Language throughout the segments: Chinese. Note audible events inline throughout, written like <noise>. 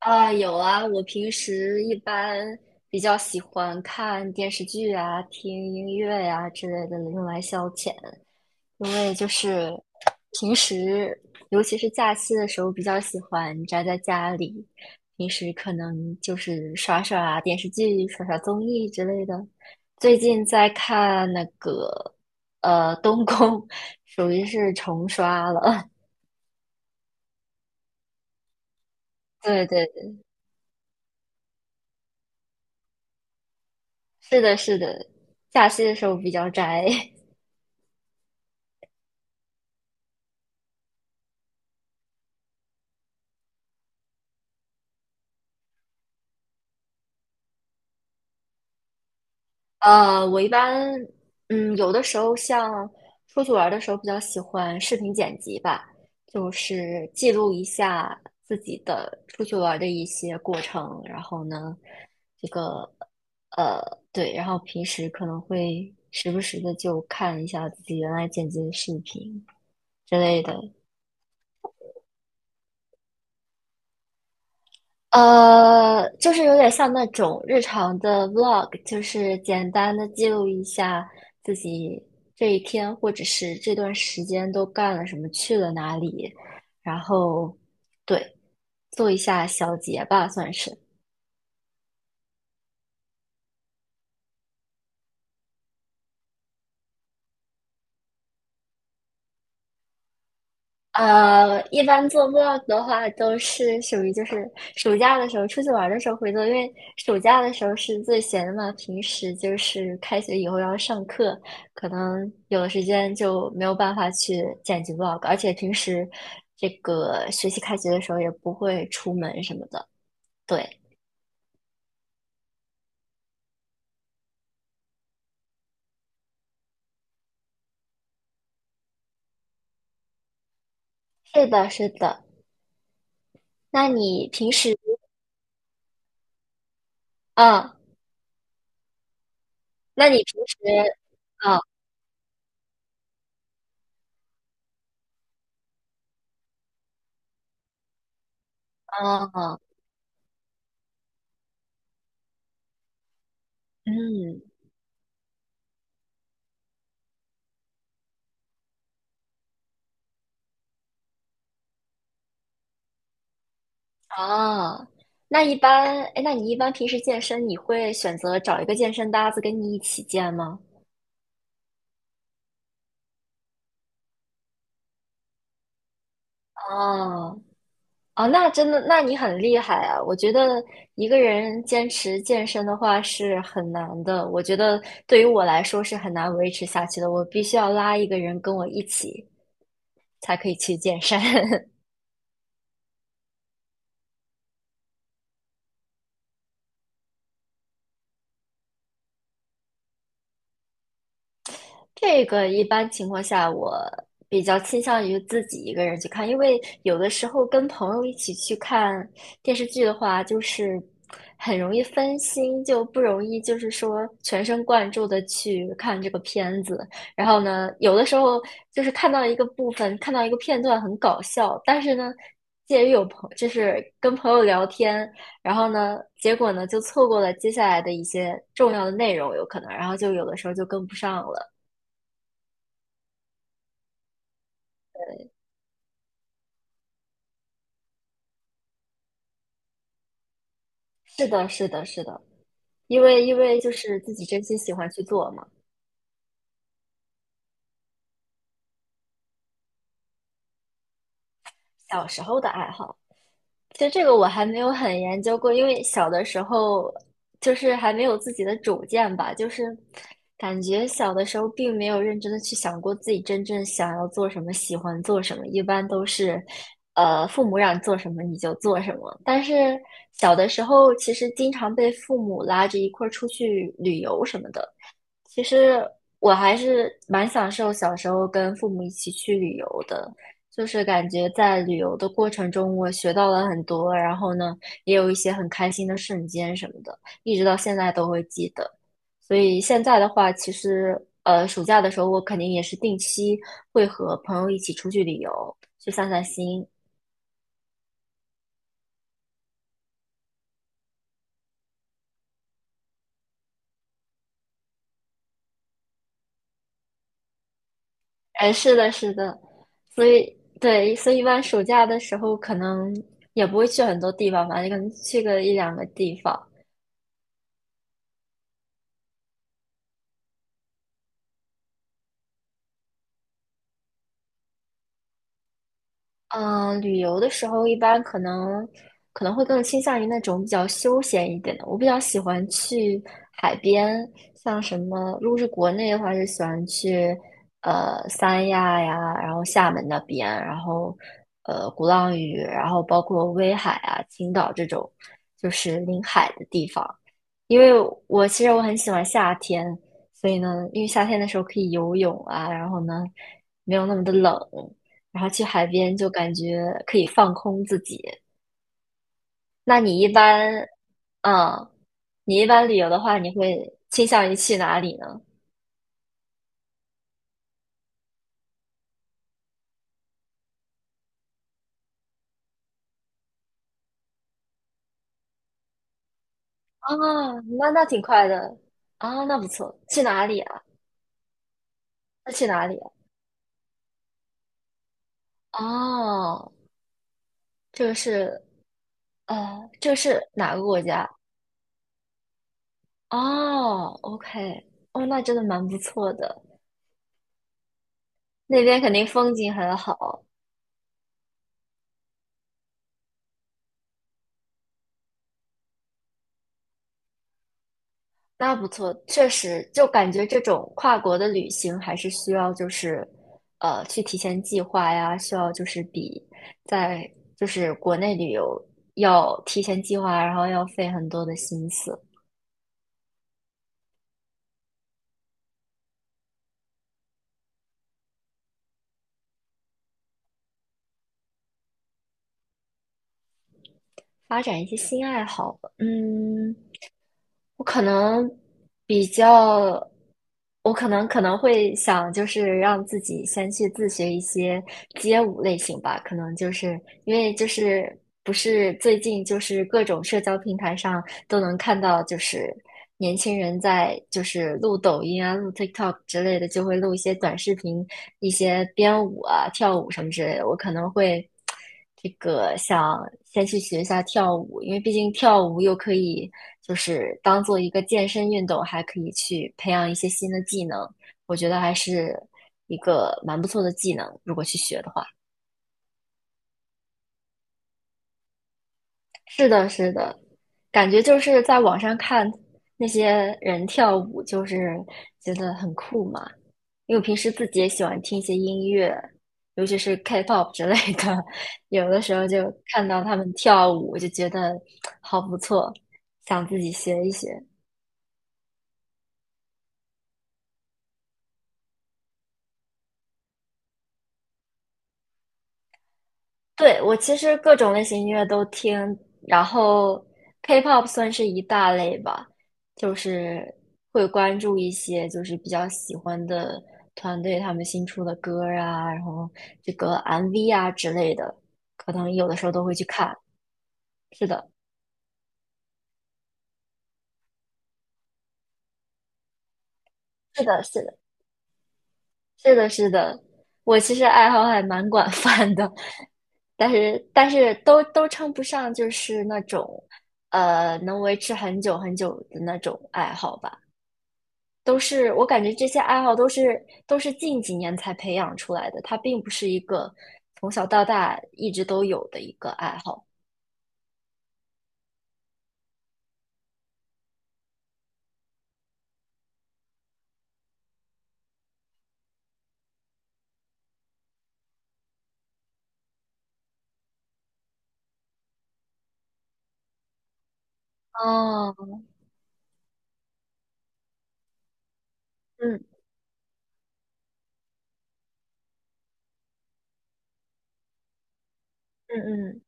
啊，有啊，我平时一般比较喜欢看电视剧啊、听音乐呀、之类的，用来消遣。因为就是平时，尤其是假期的时候，比较喜欢宅在家里。平时可能就是刷刷电视剧、刷刷综艺之类的。最近在看那个《东宫》，属于是重刷了。<laughs> 对对，对，是的，是的，假期的时候比较宅。我一般，有的时候像出去玩儿的时候，比较喜欢视频剪辑吧，就是记录一下自己的出去玩儿的一些过程。然后呢，这个，呃，对，然后平时可能会时不时的就看一下自己原来剪辑的视频之类的，就是有点像那种日常的 vlog，就是简单的记录一下自己这一天或者是这段时间都干了什么，去了哪里，然后对，做一下小结吧，算是。一般做 vlog 的话，都是属于就是暑假的时候出去玩儿的时候会做，因为暑假的时候是最闲的嘛，平时就是开学以后要上课，可能有的时间就没有办法去剪辑 vlog，而且平时这个学习开学的时候也不会出门什么的。对，是的，是的。那你平时，啊，那你平时，啊啊，嗯。哦，那一般，哎，那你一般平时健身，你会选择找一个健身搭子跟你一起健吗？哦，哦，那真的，那你很厉害啊！我觉得一个人坚持健身的话是很难的，我觉得对于我来说是很难维持下去的，我必须要拉一个人跟我一起才可以去健身。<laughs> 这个一般情况下，我比较倾向于自己一个人去看，因为有的时候跟朋友一起去看电视剧的话，就是很容易分心，就不容易就是说全神贯注的去看这个片子。然后呢，有的时候就是看到一个部分，看到一个片段很搞笑，但是呢，介于就是跟朋友聊天，然后呢，结果呢就错过了接下来的一些重要的内容，有可能，然后就有的时候就跟不上了。是的，是的，是的，因为就是自己真心喜欢去做嘛，小时候的爱好。其实这个我还没有很研究过，因为小的时候就是还没有自己的主见吧，就是感觉小的时候并没有认真的去想过自己真正想要做什么，喜欢做什么，一般都是父母让你做什么你就做什么。但是小的时候其实经常被父母拉着一块儿出去旅游什么的。其实我还是蛮享受小时候跟父母一起去旅游的，就是感觉在旅游的过程中，我学到了很多，然后呢，也有一些很开心的瞬间什么的，一直到现在都会记得。所以现在的话，其实暑假的时候我肯定也是定期会和朋友一起出去旅游，去散散心。哎，是的，是的，所以对，所以一般暑假的时候可能也不会去很多地方吧，可能去个一两个地方。旅游的时候一般可能会更倾向于那种比较休闲一点的。我比较喜欢去海边，像什么，如果是国内的话，就喜欢去三亚呀，然后厦门那边，然后鼓浪屿，然后包括威海啊、青岛这种，就是临海的地方。因为我其实我很喜欢夏天，所以呢，因为夏天的时候可以游泳啊，然后呢没有那么的冷，然后去海边就感觉可以放空自己。那你一般，嗯，你一般旅游的话，你会倾向于去哪里呢？啊，那挺快的啊，那不错。去哪里啊？那去哪里啊？哦，这个是这个是哪个国家？哦，OK，哦，那真的蛮不错的，那边肯定风景很好。那不错，确实，就感觉这种跨国的旅行还是需要就是，去提前计划呀，需要就是比在就是国内旅游要提前计划，然后要费很多的心思，发展一些新爱好吧。嗯，我可能比较，我可能会想，就是让自己先去自学一些街舞类型吧。可能就是因为就是不是最近就是各种社交平台上都能看到，就是年轻人在就是录抖音啊、录 TikTok 之类的，就会录一些短视频、一些编舞啊、跳舞什么之类的。我可能会。这个想先去学一下跳舞，因为毕竟跳舞又可以就是当做一个健身运动，还可以去培养一些新的技能，我觉得还是一个蛮不错的技能，如果去学的话。是的，是的，感觉就是在网上看那些人跳舞，就是觉得很酷嘛。因为我平时自己也喜欢听一些音乐，尤其是 K-pop 之类的，<laughs> 有的时候就看到他们跳舞，就觉得好不错，想自己学一学。对，我其实各种类型音乐都听，然后 K-pop 算是一大类吧，就是会关注一些就是比较喜欢的团队他们新出的歌儿啊，然后这个 MV 啊之类的，可能有的时候都会去看。是的，是的，是的，是的，是的，我其实爱好还蛮广泛的，但是都称不上就是那种能维持很久很久的那种爱好吧。都是我感觉这些爱好都是近几年才培养出来的，它并不是一个从小到大一直都有的一个爱好。哦，嗯嗯嗯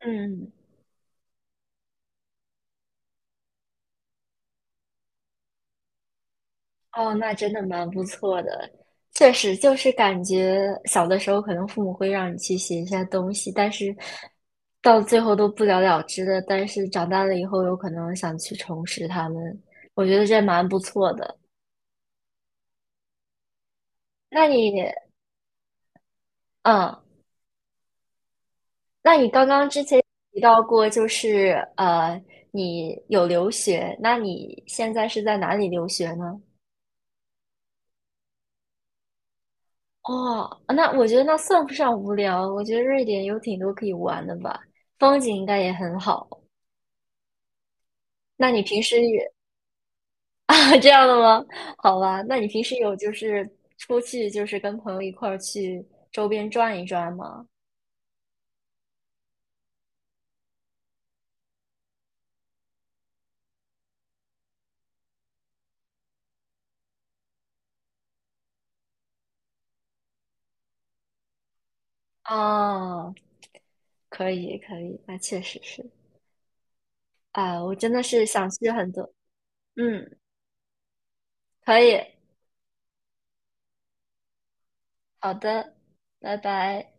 嗯，哦，那真的蛮不错的。确实，就是感觉小的时候可能父母会让你去写一些东西，但是到最后都不了了之的。但是长大了以后，有可能想去重拾他们，我觉得这蛮不错的。那你，嗯，那你刚刚之前提到过，就是呃，你有留学，那你现在是在哪里留学呢？哦，那我觉得那算不上无聊，我觉得瑞典有挺多可以玩的吧，风景应该也很好。那你平时也 <laughs> 啊这样的吗？好吧，那你平时有就是出去就是跟朋友一块儿去周边转一转吗？啊，可以可以，那确实是啊，我真的是想去很多，嗯，可以。好的，拜拜。